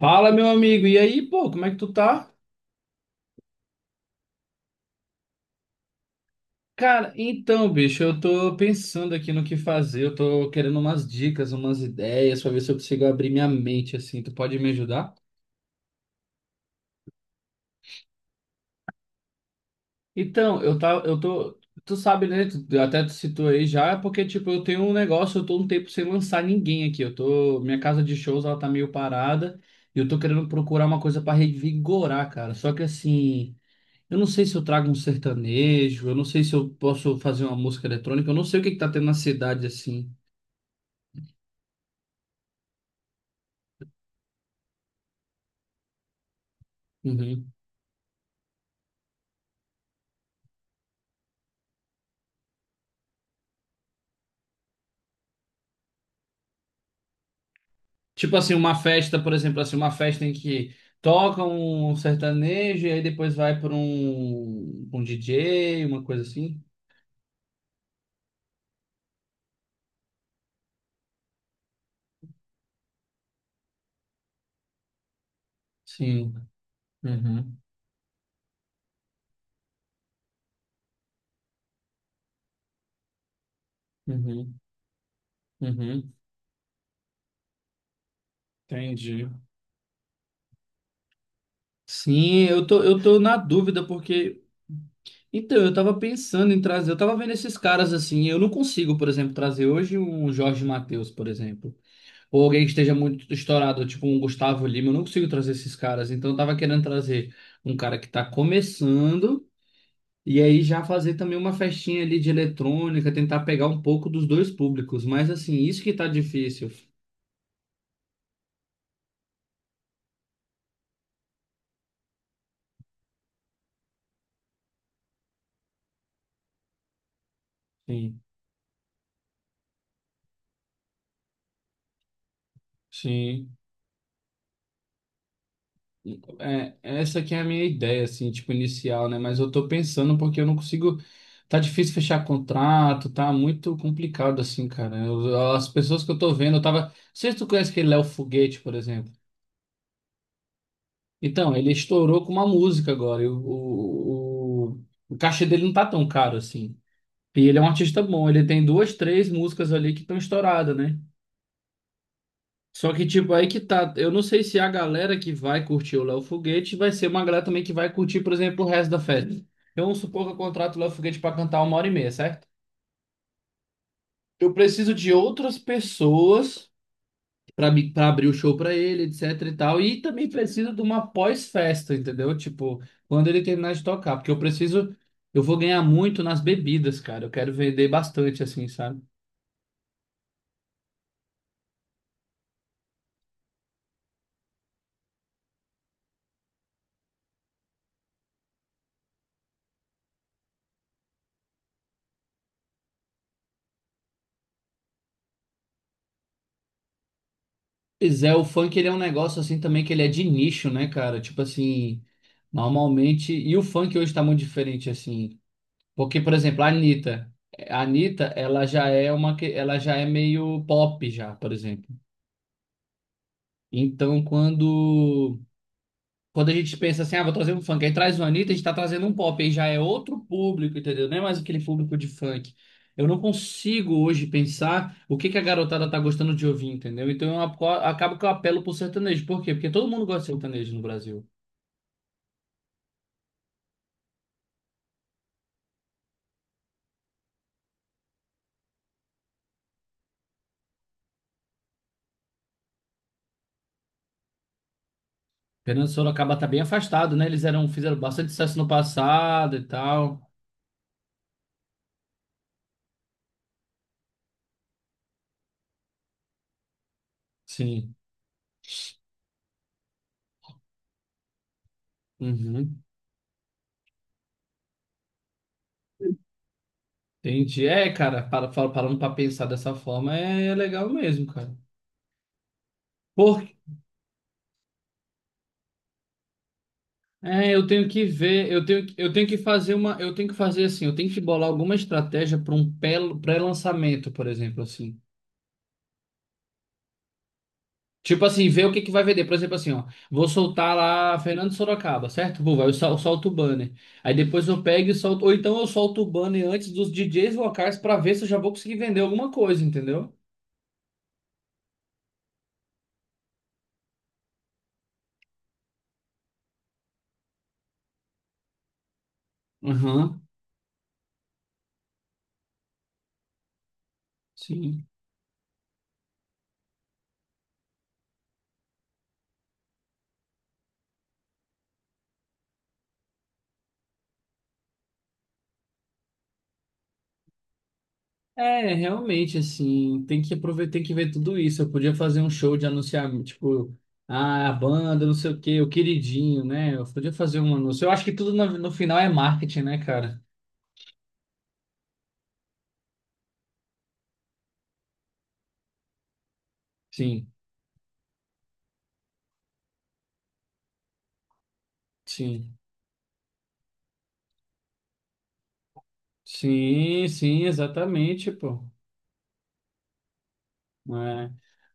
Fala, meu amigo. E aí, pô, como é que tu tá? Cara, então, bicho, eu tô pensando aqui no que fazer. Eu tô querendo umas dicas, umas ideias, pra ver se eu consigo abrir minha mente, assim. Tu pode me ajudar? Então, eu tá, eu tô. Tu sabe, né? Até tu citou aí já, porque, tipo, eu tenho um negócio, eu tô um tempo sem lançar ninguém aqui. Eu tô. Minha casa de shows, ela tá meio parada. E eu tô querendo procurar uma coisa pra revigorar, cara. Só que assim. Eu não sei se eu trago um sertanejo, eu não sei se eu posso fazer uma música eletrônica, eu não sei o que que tá tendo na cidade assim. Uhum. Tipo assim, uma festa, por exemplo, assim, uma festa em que toca um sertanejo e aí depois vai para pra um DJ, uma coisa assim. Sim. Uhum. Uhum. Uhum. Entendi. Sim, eu tô na dúvida porque então, eu tava pensando em trazer, eu tava vendo esses caras assim, eu não consigo, por exemplo, trazer hoje um Jorge Mateus, por exemplo. Ou alguém que esteja muito estourado, tipo um Gustavo Lima, eu não consigo trazer esses caras. Então eu tava querendo trazer um cara que tá começando e aí já fazer também uma festinha ali de eletrônica, tentar pegar um pouco dos dois públicos. Mas assim, isso que tá difícil. Sim, sim. É, essa que é a minha ideia, assim, tipo, inicial, né? Mas eu tô pensando porque eu não consigo. Tá difícil fechar contrato, tá muito complicado, assim, cara. As pessoas que eu tô vendo, eu tava. Não sei se tu conhece aquele Léo Foguete, por exemplo. Então, ele estourou com uma música agora. E o cachê dele não tá tão caro assim. E ele é um artista bom. Ele tem duas, três músicas ali que estão estouradas, né? Só que, tipo, aí que tá. Eu não sei se a galera que vai curtir o Léo Foguete vai ser uma galera também que vai curtir, por exemplo, o resto da festa. Eu vamos supor que eu contrato o Léo Foguete pra cantar uma hora e meia, certo? Eu preciso de outras pessoas para abrir o show para ele, etc e tal. E também preciso de uma pós-festa, entendeu? Tipo, quando ele terminar de tocar, porque eu preciso, eu vou ganhar muito nas bebidas, cara. Eu quero vender bastante assim, sabe? Pois é, o funk ele é um negócio assim também que ele é de nicho, né, cara? Tipo assim, normalmente, e o funk hoje tá muito diferente assim, porque por exemplo, a Anitta, ela já é uma que ela já é meio pop já, por exemplo. Então, quando Quando a gente pensa assim, ah, vou trazer um funk, aí traz o Anitta, a gente tá trazendo um pop, aí já é outro público, entendeu? Não é mais aquele público de funk. Eu não consigo hoje pensar o que que a garotada tá gostando de ouvir, entendeu? Então acabo que eu apelo pro sertanejo. Por quê? Porque todo mundo gosta de sertanejo no Brasil. Fernando Sorocaba tá bem afastado, né? Eles eram, fizeram bastante sucesso no passado e tal. Sim. Uhum. Entendi. É, cara, parando pra pensar dessa forma, é legal mesmo, cara. Por é, eu tenho que ver, eu tenho que fazer uma, eu tenho que fazer assim, eu tenho que bolar alguma estratégia para um pré-lançamento, por exemplo, assim. Tipo assim, ver o que que vai vender. Por exemplo, assim, ó, vou soltar lá Fernando Sorocaba, certo? Vou, vai eu sol- solto o banner. Aí depois eu pego e solto, ou então eu solto o banner antes dos DJs locais para ver se eu já vou conseguir vender alguma coisa, entendeu? Aham, sim. É, realmente, assim, tem que aproveitar, tem que ver tudo isso. Eu podia fazer um show de anunciar, tipo, ah, a banda, não sei o quê, o queridinho, né? Eu podia fazer um anúncio. Eu acho que tudo no, no final é marketing, né, cara? Sim, sim. Sim, sim, exatamente, pô. É.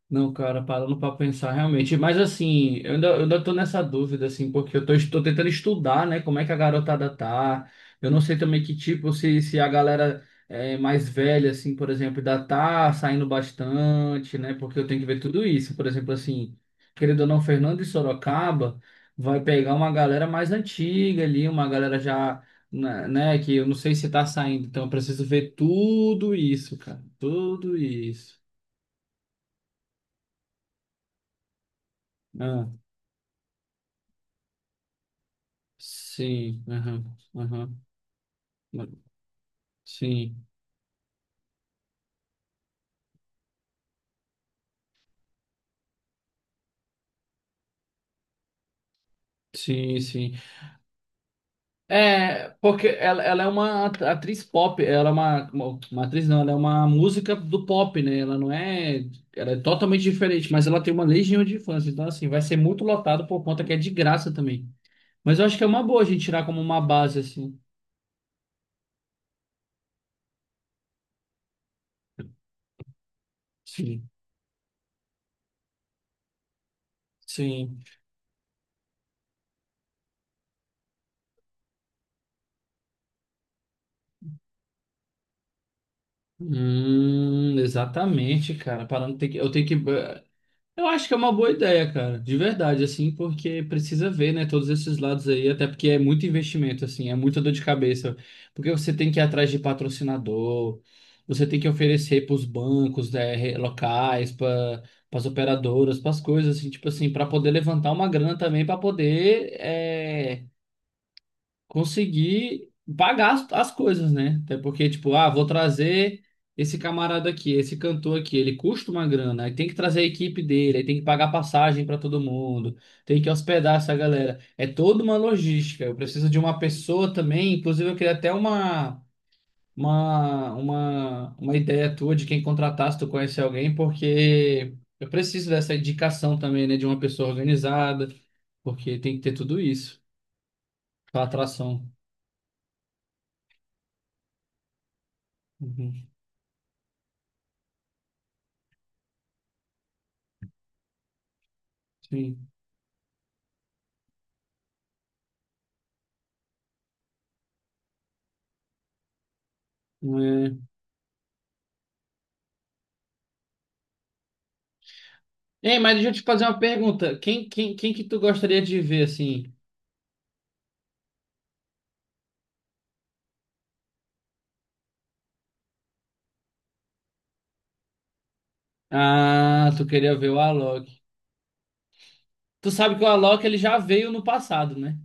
Não, cara, parando pra pensar realmente. Mas assim, eu ainda tô nessa dúvida, assim, porque estou tentando estudar, né? Como é que a garotada tá. Eu não sei também que tipo, se a galera é, mais velha, assim, por exemplo, ainda tá saindo bastante, né? Porque eu tenho que ver tudo isso. Por exemplo, assim, querendo ou não, Fernando de Sorocaba vai pegar uma galera mais antiga ali, uma galera já, né, que eu não sei se tá saindo. Então eu preciso ver tudo isso, cara. Tudo isso. Ah. Sim, aham, aham. Sim, sim, sim. É, porque ela é uma atriz pop, ela é uma, uma atriz não, ela é uma música do pop, né? Ela não é, ela é totalmente diferente, mas ela tem uma legião de fãs, então assim, vai ser muito lotado por conta que é de graça também. Mas eu acho que é uma boa a gente tirar como uma base, assim. Sim, sim. Exatamente, cara. Parando, tem que, eu tenho que. Eu acho que é uma boa ideia, cara, de verdade, assim, porque precisa ver, né, todos esses lados aí, até porque é muito investimento, assim, é muita dor de cabeça, porque você tem que ir atrás de patrocinador, você tem que oferecer para os bancos, né, locais, para as operadoras, para as coisas, assim, tipo assim, para poder levantar uma grana também, para poder conseguir pagar as coisas, né? Até porque, tipo, ah, vou trazer esse camarada aqui, esse cantor aqui, ele custa uma grana, aí tem que trazer a equipe dele, aí tem que pagar passagem para todo mundo, tem que hospedar essa galera. É toda uma logística. Eu preciso de uma pessoa também, inclusive eu queria até uma. Uma ideia tua de quem contratar, se tu conhecer alguém, porque eu preciso dessa indicação também, né? De uma pessoa organizada, porque tem que ter tudo isso. Para Atração. Uhum. Sim. É. Ei, mas deixa eu te fazer uma pergunta. Quem que tu gostaria de ver, assim? Ah, tu queria ver o Alok. Tu sabe que o Alok, ele já veio no passado, né?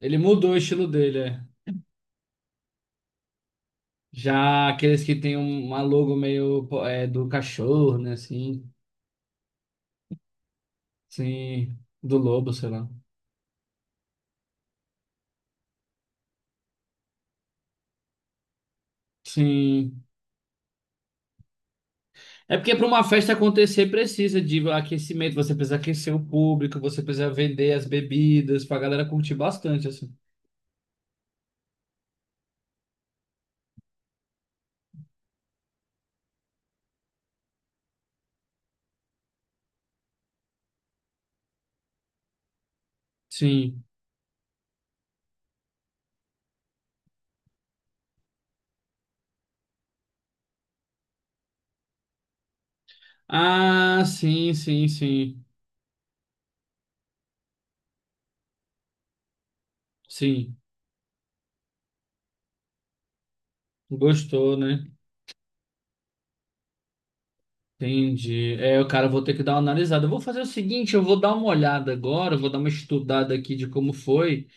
Ele mudou o estilo dele, é. Já aqueles que tem uma logo meio pô, é, do cachorro, né? Assim, sim, do lobo, sei lá. Sim. É porque para uma festa acontecer precisa de aquecimento, você precisa aquecer o público, você precisa vender as bebidas pra galera curtir bastante, assim. Sim. Ah, sim, sim, sim. Sim, gostou, né? Entendi. É, cara, eu vou ter que dar uma analisada. Eu vou fazer o seguinte, eu vou dar uma olhada agora, eu vou dar uma estudada aqui de como foi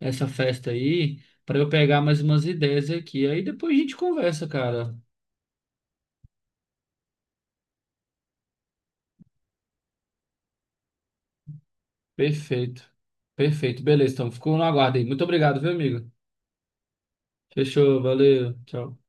essa festa aí, para eu pegar mais umas ideias aqui. Aí depois a gente conversa, cara. Perfeito. Perfeito. Beleza, então ficou no aguardo aí. Muito obrigado, viu, amigo? Fechou, valeu. Tchau.